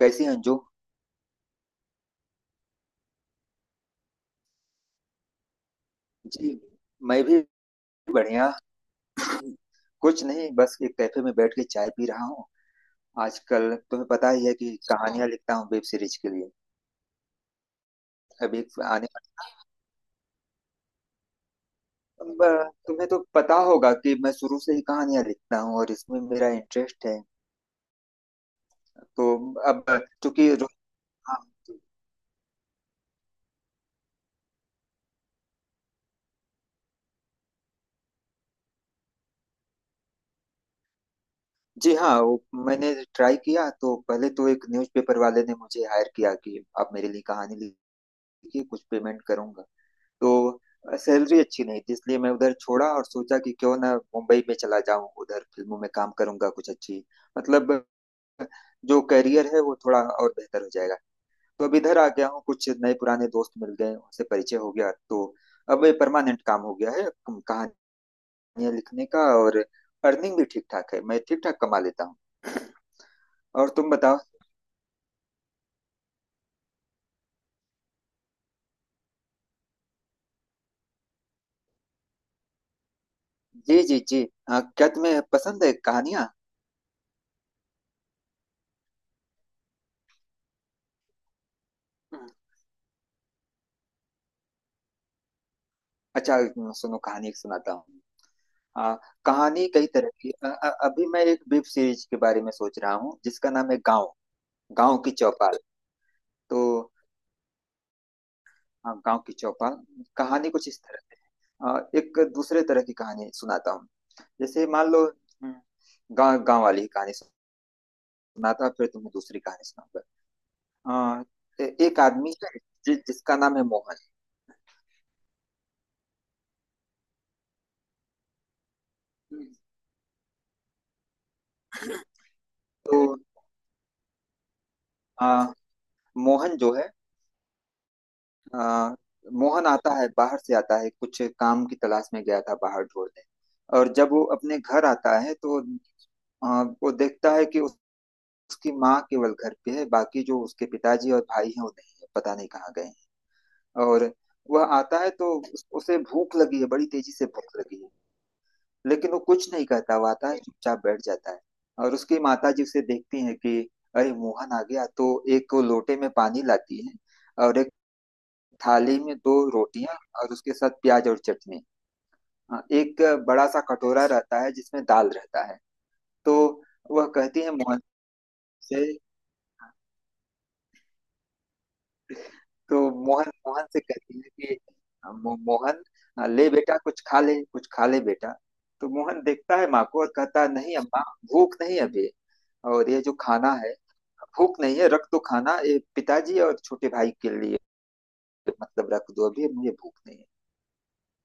कैसी हैं अंजू? जी। मैं भी बढ़िया। कुछ नहीं, बस एक कैफे में बैठ के चाय पी रहा हूँ। आजकल तुम्हें पता ही है कि हाँ, कहानियां लिखता हूँ वेब सीरीज के लिए। अब एक आने वाला तुम्हें तो पता होगा कि मैं शुरू से ही कहानियां लिखता हूँ और इसमें मेरा इंटरेस्ट है। तो अब चूंकि रो- हाँ। जी हाँ, वो मैंने ट्राई किया तो पहले तो एक न्यूज़पेपर वाले ने मुझे हायर किया कि आप मेरे लिए कहानी लिखिए, कुछ पेमेंट करूंगा। तो सैलरी अच्छी नहीं थी इसलिए मैं उधर छोड़ा और सोचा कि क्यों ना मुंबई में चला जाऊं, उधर फिल्मों में काम करूंगा, कुछ अच्छी मतलब जो करियर है वो थोड़ा और बेहतर हो जाएगा। तो अब इधर आ गया हूँ, कुछ नए पुराने दोस्त मिल गए, उनसे परिचय हो गया तो अब ये परमानेंट काम हो गया है, कहानियां लिखने का, और अर्निंग भी ठीक ठाक है, मैं ठीक ठाक कमा लेता हूँ। और तुम बताओ? जी जी जी। हाँ, क्या तुम्हें पसंद है कहानियां? अच्छा, सुनो कहानी एक सुनाता हूँ। हाँ। कहानी कई तरह की अभी मैं एक वेब सीरीज के बारे में सोच रहा हूँ जिसका नाम है गांव गांव की चौपाल। तो हाँ, गांव की चौपाल। कहानी कुछ इस तरह है। एक दूसरे तरह की कहानी सुनाता हूँ। जैसे मान लो गांव गांव वाली ही कहानी सुनाता हूँ, फिर तुम्हें दूसरी कहानी सुनाऊंगा। अ, एक आदमी है, जिसका नाम है मोहन। तो अ, मोहन जो है आ, मोहन आता है, बाहर से आता है कुछ काम की तलाश में, गया था बाहर ढूंढने। और जब वो अपने घर आता है तो वो देखता है कि उसकी माँ केवल घर पे है, बाकी जो उसके पिताजी और भाई हैं वो नहीं है, पता नहीं कहाँ गए हैं। और वह आता है तो उसे भूख लगी है, बड़ी तेजी से भूख लगी है। लेकिन वो कुछ नहीं कहता, वो आता है चुपचाप बैठ जाता है। और उसकी माता जी उसे देखती है कि अरे मोहन आ गया, तो एक वो लोटे में पानी लाती है, और एक थाली में दो रोटियां और उसके साथ प्याज और चटनी। हाँ, एक बड़ा सा कटोरा रहता है जिसमें दाल रहता है। तो वह कहती है मोहन से, तो मोहन मोहन से कहती है कि मोहन, ले बेटा कुछ खा ले, कुछ खा ले बेटा। तो मोहन देखता है माँ को और कहता है, नहीं अम्मा, भूख नहीं अभी। और ये जो खाना है भूख नहीं है, रख दो, खाना ये पिताजी और छोटे भाई के लिए। मतलब रख दो, अभी मुझे भूख नहीं है।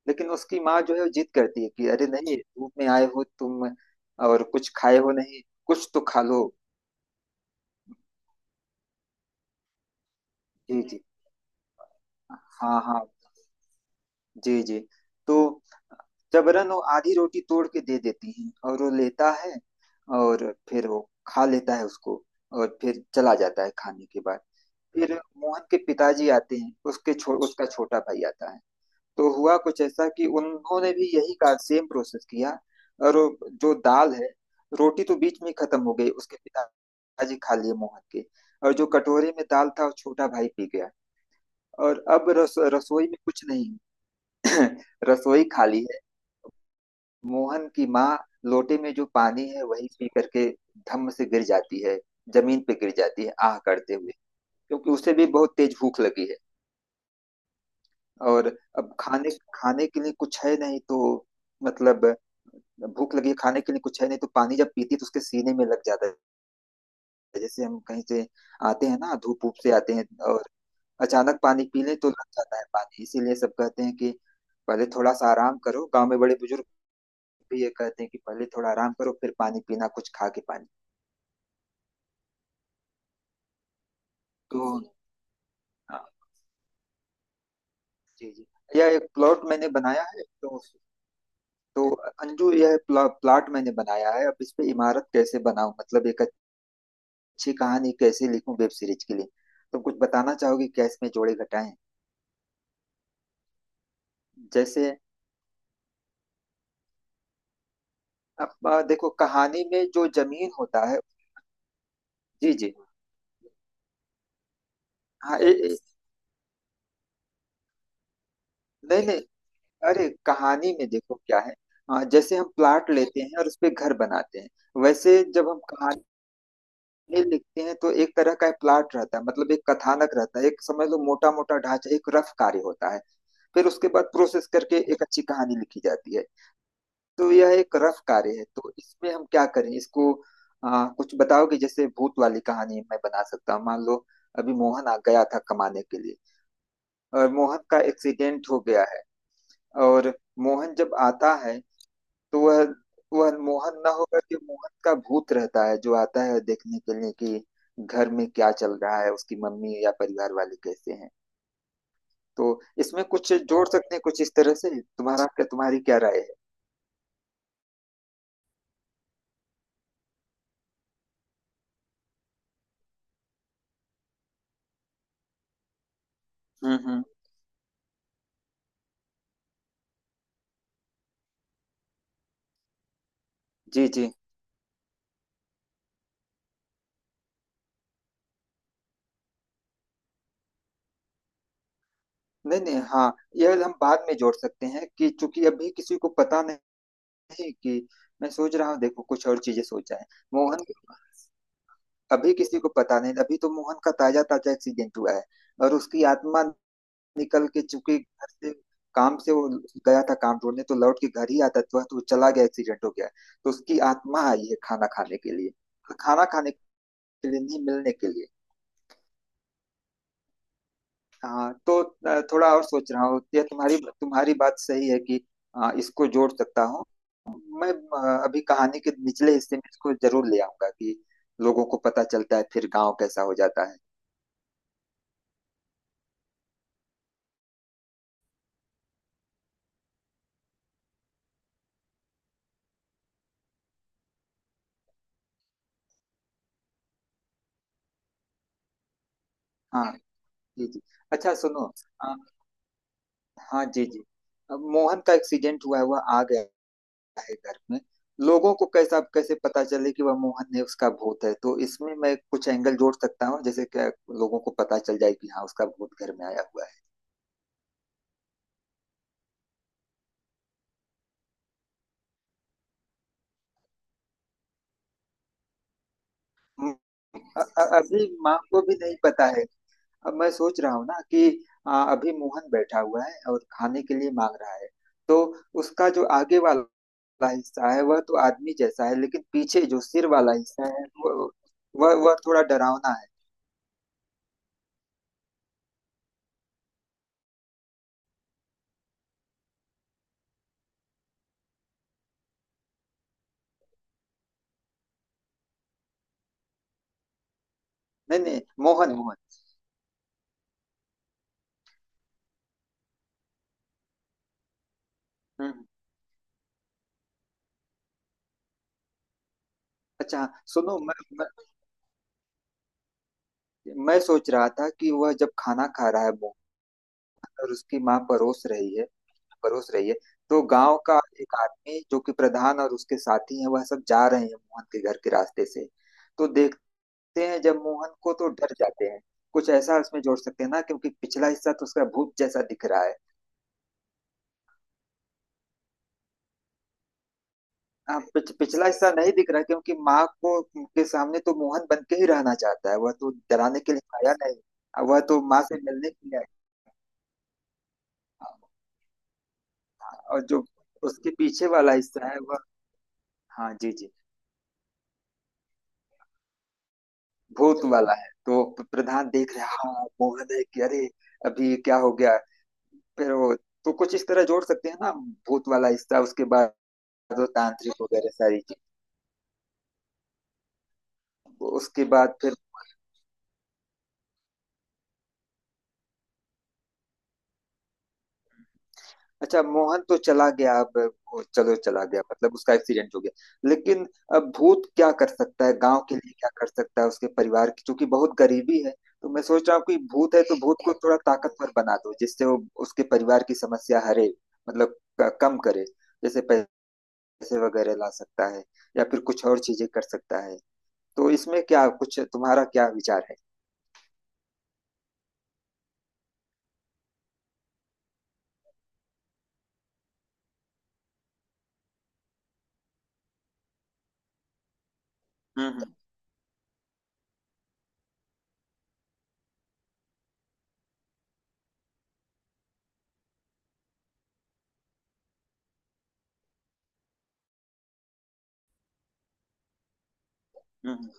लेकिन उसकी माँ जो है वो जिद करती है कि अरे नहीं, धूप में आए हो तुम और कुछ खाए हो नहीं, कुछ तो खा लो। जी जी। हाँ हाँ। जी जी। तो जबरन वो आधी रोटी तोड़ के दे देती है और वो लेता है, और फिर वो खा लेता है उसको, और फिर चला जाता है खाने के बाद। फिर मोहन के पिताजी आते हैं, उसके उसका छोटा भाई आता है। तो हुआ कुछ ऐसा कि उन्होंने भी यही का सेम प्रोसेस किया। और वो जो दाल है, रोटी तो बीच में ही खत्म हो गई, उसके पिताजी खा लिए मोहन के, और जो कटोरे में दाल था वो छोटा भाई पी गया। और अब रसोई में कुछ नहीं है। रसोई खाली है। मोहन की माँ लोटे में जो पानी है वही पी करके धम्म से गिर जाती है, जमीन पे गिर जाती है आह करते हुए, क्योंकि उसे भी बहुत तेज भूख लगी है। और अब खाने खाने के लिए कुछ है नहीं तो मतलब भूख लगी है, खाने के लिए कुछ है नहीं तो पानी जब पीती है तो उसके सीने में लग जाता है। जैसे हम कहीं से आते हैं ना, धूप धूप से आते हैं और अचानक पानी पी लें तो लग जाता है पानी, इसीलिए सब कहते हैं कि पहले थोड़ा सा आराम करो। गांव में बड़े बुजुर्ग भी ये कहते हैं कि पहले थोड़ा आराम करो, फिर पानी पीना, कुछ खा के पानी। तो हाँ। जी जी। यह एक प्लॉट मैंने बनाया है। तो अंजू, यह प्लाट मैंने बनाया है, अब इस पे इमारत कैसे बनाऊं, मतलब एक अच्छी कहानी कैसे लिखूं वेब सीरीज के लिए, तुम कुछ बताना चाहोगे क्या इसमें जोड़े घटाएं? जैसे अब देखो कहानी में जो जमीन होता है। जी जी। हाँ। ए, ए, नहीं नहीं। अरे कहानी में देखो क्या है। हाँ, जैसे हम प्लाट लेते हैं और उस पे घर बनाते हैं, वैसे जब हम कहानी लिखते हैं तो एक तरह का प्लाट रहता है, मतलब एक कथानक रहता है, एक समझ लो मोटा मोटा ढांचा, एक रफ कार्य होता है। फिर उसके बाद प्रोसेस करके एक अच्छी कहानी लिखी जाती है। तो यह एक रफ कार्य है, तो इसमें हम क्या करें इसको। कुछ बताओ कि जैसे भूत वाली कहानी मैं बना सकता हूँ। मान लो अभी मोहन आ गया था कमाने के लिए, और मोहन का एक्सीडेंट हो गया है, और मोहन जब आता है तो वह मोहन ना होकर के मोहन का भूत रहता है जो आता है देखने के लिए कि घर में क्या चल रहा है, उसकी मम्मी या परिवार वाले कैसे हैं। तो इसमें कुछ जोड़ सकते हैं कुछ इस तरह से, तुम्हारा क्या तुम्हारी क्या राय है? हम्म। जी जी। नहीं नहीं, हाँ यह हम बाद में जोड़ सकते हैं कि चूंकि अभी किसी को पता नहीं कि, मैं सोच रहा हूँ देखो, कुछ और चीजें सोचा है। मोहन अभी किसी को पता नहीं, अभी तो मोहन का ताजा ताजा एक्सीडेंट हुआ है। और उसकी आत्मा निकल के, चूंकि घर से काम से वो गया था काम ढूंढने, तो लौट के घर ही आता था, तो वो चला गया, एक्सीडेंट हो गया। तो उसकी आत्मा आई है खाना खाने के लिए, खाना खाने के लिए नहीं, मिलने के लिए। हाँ तो थोड़ा और सोच रहा हूँ, यह तुम्हारी तुम्हारी बात सही है कि इसको जोड़ सकता हूँ। मैं अभी कहानी के निचले हिस्से में इसको जरूर ले आऊंगा कि लोगों को पता चलता है, फिर गांव कैसा हो जाता है। हाँ जी जी। अच्छा सुनो अ, हाँ जी जी। अब मोहन का एक्सीडेंट हुआ है, वह आ गया है घर में, लोगों को कैसा कैसे पता चले कि वह मोहन है, उसका भूत है? तो इसमें मैं कुछ एंगल जोड़ सकता हूँ जैसे कि लोगों को पता चल जाए कि हाँ उसका भूत घर में आया हुआ है। हम्म, अभी माँ को भी नहीं पता है। अब मैं सोच रहा हूँ ना कि अभी मोहन बैठा हुआ है और खाने के लिए मांग रहा है। तो उसका जो आगे वाला हिस्सा है वह तो आदमी जैसा है, लेकिन पीछे जो सिर वाला हिस्सा है वह, वह थोड़ा डरावना है। नहीं नहीं, मोहन मोहन। हम्म हम्म। अच्छा सुनो मैं मैं सोच रहा था कि वह जब खाना खा रहा है मोहन, और उसकी माँ परोस रही है, परोस रही है, तो गांव का एक आदमी जो कि प्रधान और उसके साथी हैं वह सब जा रहे हैं मोहन के घर के रास्ते से, तो देखते हैं जब मोहन को तो डर जाते हैं। कुछ ऐसा उसमें जोड़ सकते हैं ना, क्योंकि पिछला हिस्सा तो उसका भूत जैसा दिख रहा है। हाँ, पिछला हिस्सा नहीं दिख रहा, क्योंकि माँ को के सामने तो मोहन बन के ही रहना चाहता है, वह तो डराने के लिए आया नहीं, वह तो माँ से मिलने के लिए आया। हाँ, और जो उसके पीछे वाला हिस्सा है वह, हाँ जी जी, भूत वाला है। तो प्रधान देख रहे हाँ मोहन है कि अरे, अभी क्या हो गया? फिर वो, तो कुछ इस तरह जोड़ सकते हैं ना, भूत वाला हिस्सा, उसके बाद वो तांत्रिक वगैरह सारी चीज, उसके बाद फिर। अच्छा, मोहन तो चला गया अब, वो चलो चला गया, मतलब उसका एक्सीडेंट हो गया, लेकिन अब भूत क्या कर सकता है गांव के लिए, क्या कर सकता है? उसके परिवार की चूंकि बहुत गरीबी है, तो मैं सोच रहा हूँ कि भूत है तो भूत को थोड़ा ताकतवर बना दो जिससे वो उसके परिवार की समस्या हरे, मतलब कम करे। जैसे पैसे वगैरह ला सकता है, या फिर कुछ और चीजें कर सकता है, तो इसमें क्या कुछ तुम्हारा, क्या विचार है? हम्म हम्म हम्म।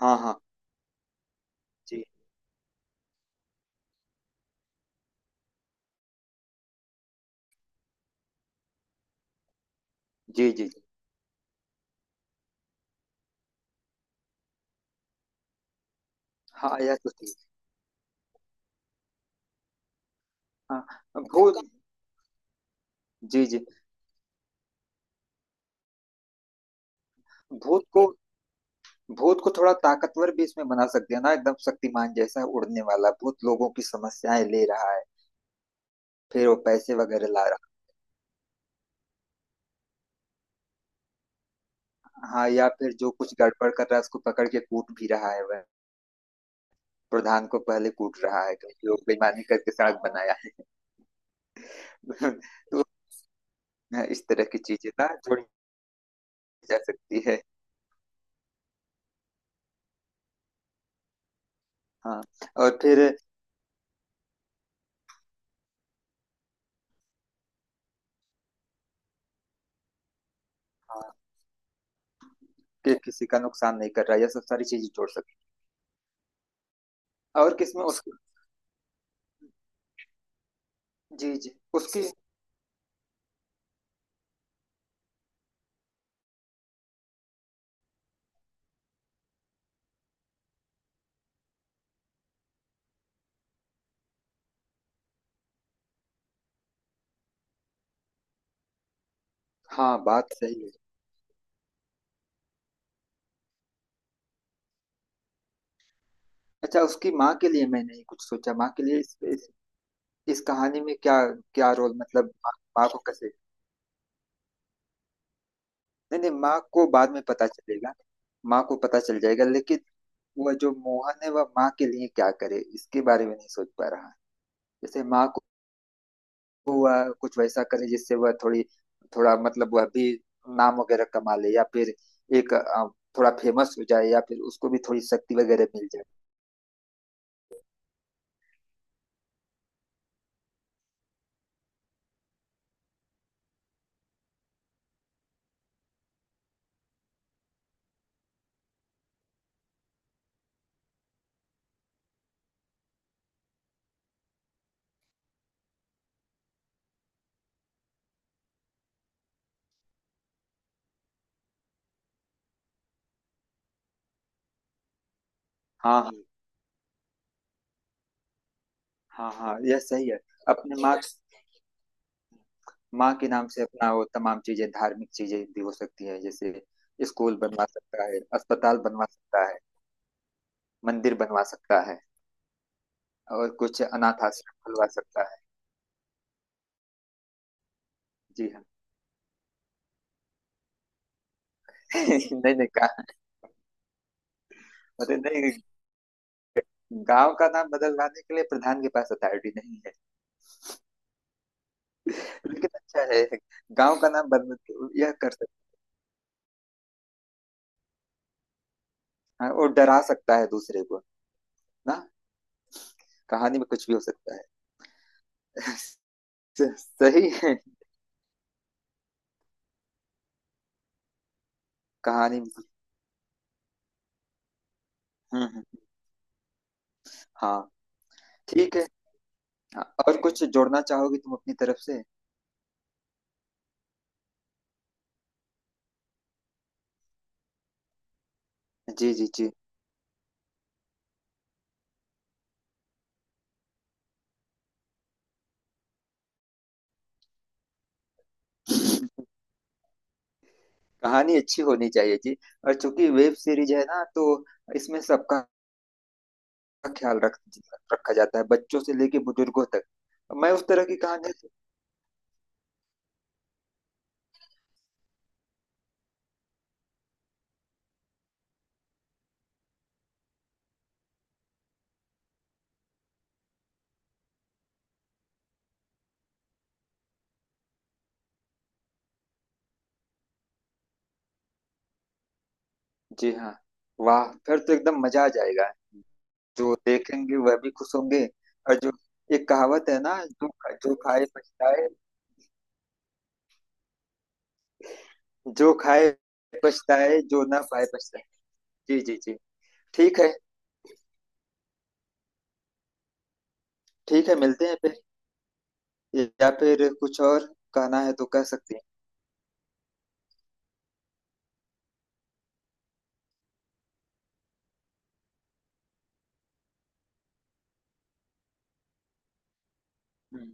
हाँ हाँ। जी जी। जी जी। हाँ यह तो ठीक। हाँ भूत, जी जी, भूत को भूत को थोड़ा ताकतवर भी इसमें बना सकते हैं ना, एकदम शक्तिमान जैसा उड़ने वाला भूत, लोगों की समस्याएं ले रहा है। फिर वो पैसे वगैरह ला रहा है। हाँ, या फिर जो कुछ गड़बड़ कर रहा है उसको पकड़ के कूट भी रहा है वह। प्रधान को पहले कूट रहा है क्योंकि वो बेईमानी करके सड़क बनाया है। तो हाँ, इस तरह की चीजें ना जोड़ी जा सकती है। हाँ, और फिर हाँ, कि किसी का नुकसान नहीं कर रहा, यह सब सारी चीजें जोड़ सकते। और किसमें उस, जी जी, उसकी, हाँ, बात सही है। अच्छा, उसकी माँ के लिए मैं नहीं कुछ सोचा, माँ के लिए इस कहानी में क्या क्या रोल, मतलब माँ माँ को कैसे। नहीं नहीं, माँ को बाद में पता चलेगा, माँ को पता चल जाएगा, लेकिन वह जो मोहन है वह माँ के लिए क्या करे, इसके बारे में नहीं सोच पा रहा। जैसे माँ वह कुछ वैसा करे जिससे वह थोड़ी थोड़ा मतलब वह भी नाम वगैरह कमा ले, या फिर एक थोड़ा फेमस हो जाए, या फिर उसको भी थोड़ी शक्ति वगैरह मिल जाए। हाँ हाँ हाँ हाँ। यह सही है। अपने माँ माँ के नाम से अपना वो तमाम चीजें, धार्मिक चीजें भी हो सकती है, जैसे स्कूल बनवा सकता है, अस्पताल बनवा सकता है, मंदिर बनवा सकता है, और कुछ अनाथ आश्रम खुलवा सकता है। जी हाँ। नहीं नहीं, अरे नहीं, गांव का नाम बदलवाने के लिए प्रधान के पास अथॉरिटी नहीं, लेकिन अच्छा है। गांव का नाम बदल, यह कर सकता है, और डरा सकता है दूसरे को ना। कहानी में कुछ भी हो सकता है। स- सही है। कहानी में। हम्म। हाँ ठीक है। हाँ, और कुछ जोड़ना चाहोगी तुम अपनी तरफ से? जी जी जी। कहानी अच्छी होनी चाहिए जी। और चूंकि वेब सीरीज है ना, तो इसमें सबका ख्याल रख रखा जाता है, बच्चों से लेके बुजुर्गों तक। मैं उस तरह की कहानी। जी हाँ, वाह फिर तो एकदम मजा आ जाएगा, जो देखेंगे वह भी खुश होंगे। और जो एक कहावत है ना, जो जो खाए पछताए, जो खाए पछताए, जो ना खाए पछताए। जी जी जी। ठीक है। ठीक है, मिलते हैं फिर, या फिर कुछ और कहना है तो कह सकते हैं। हम्म,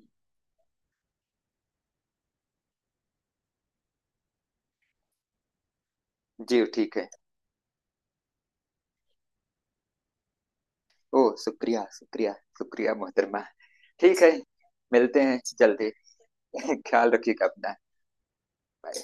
जी ठीक है। ओ शुक्रिया शुक्रिया। शुक्रिया मोहतरमा। ठीक है, मिलते हैं जल्दी। ख्याल रखिएगा अपना। बाय।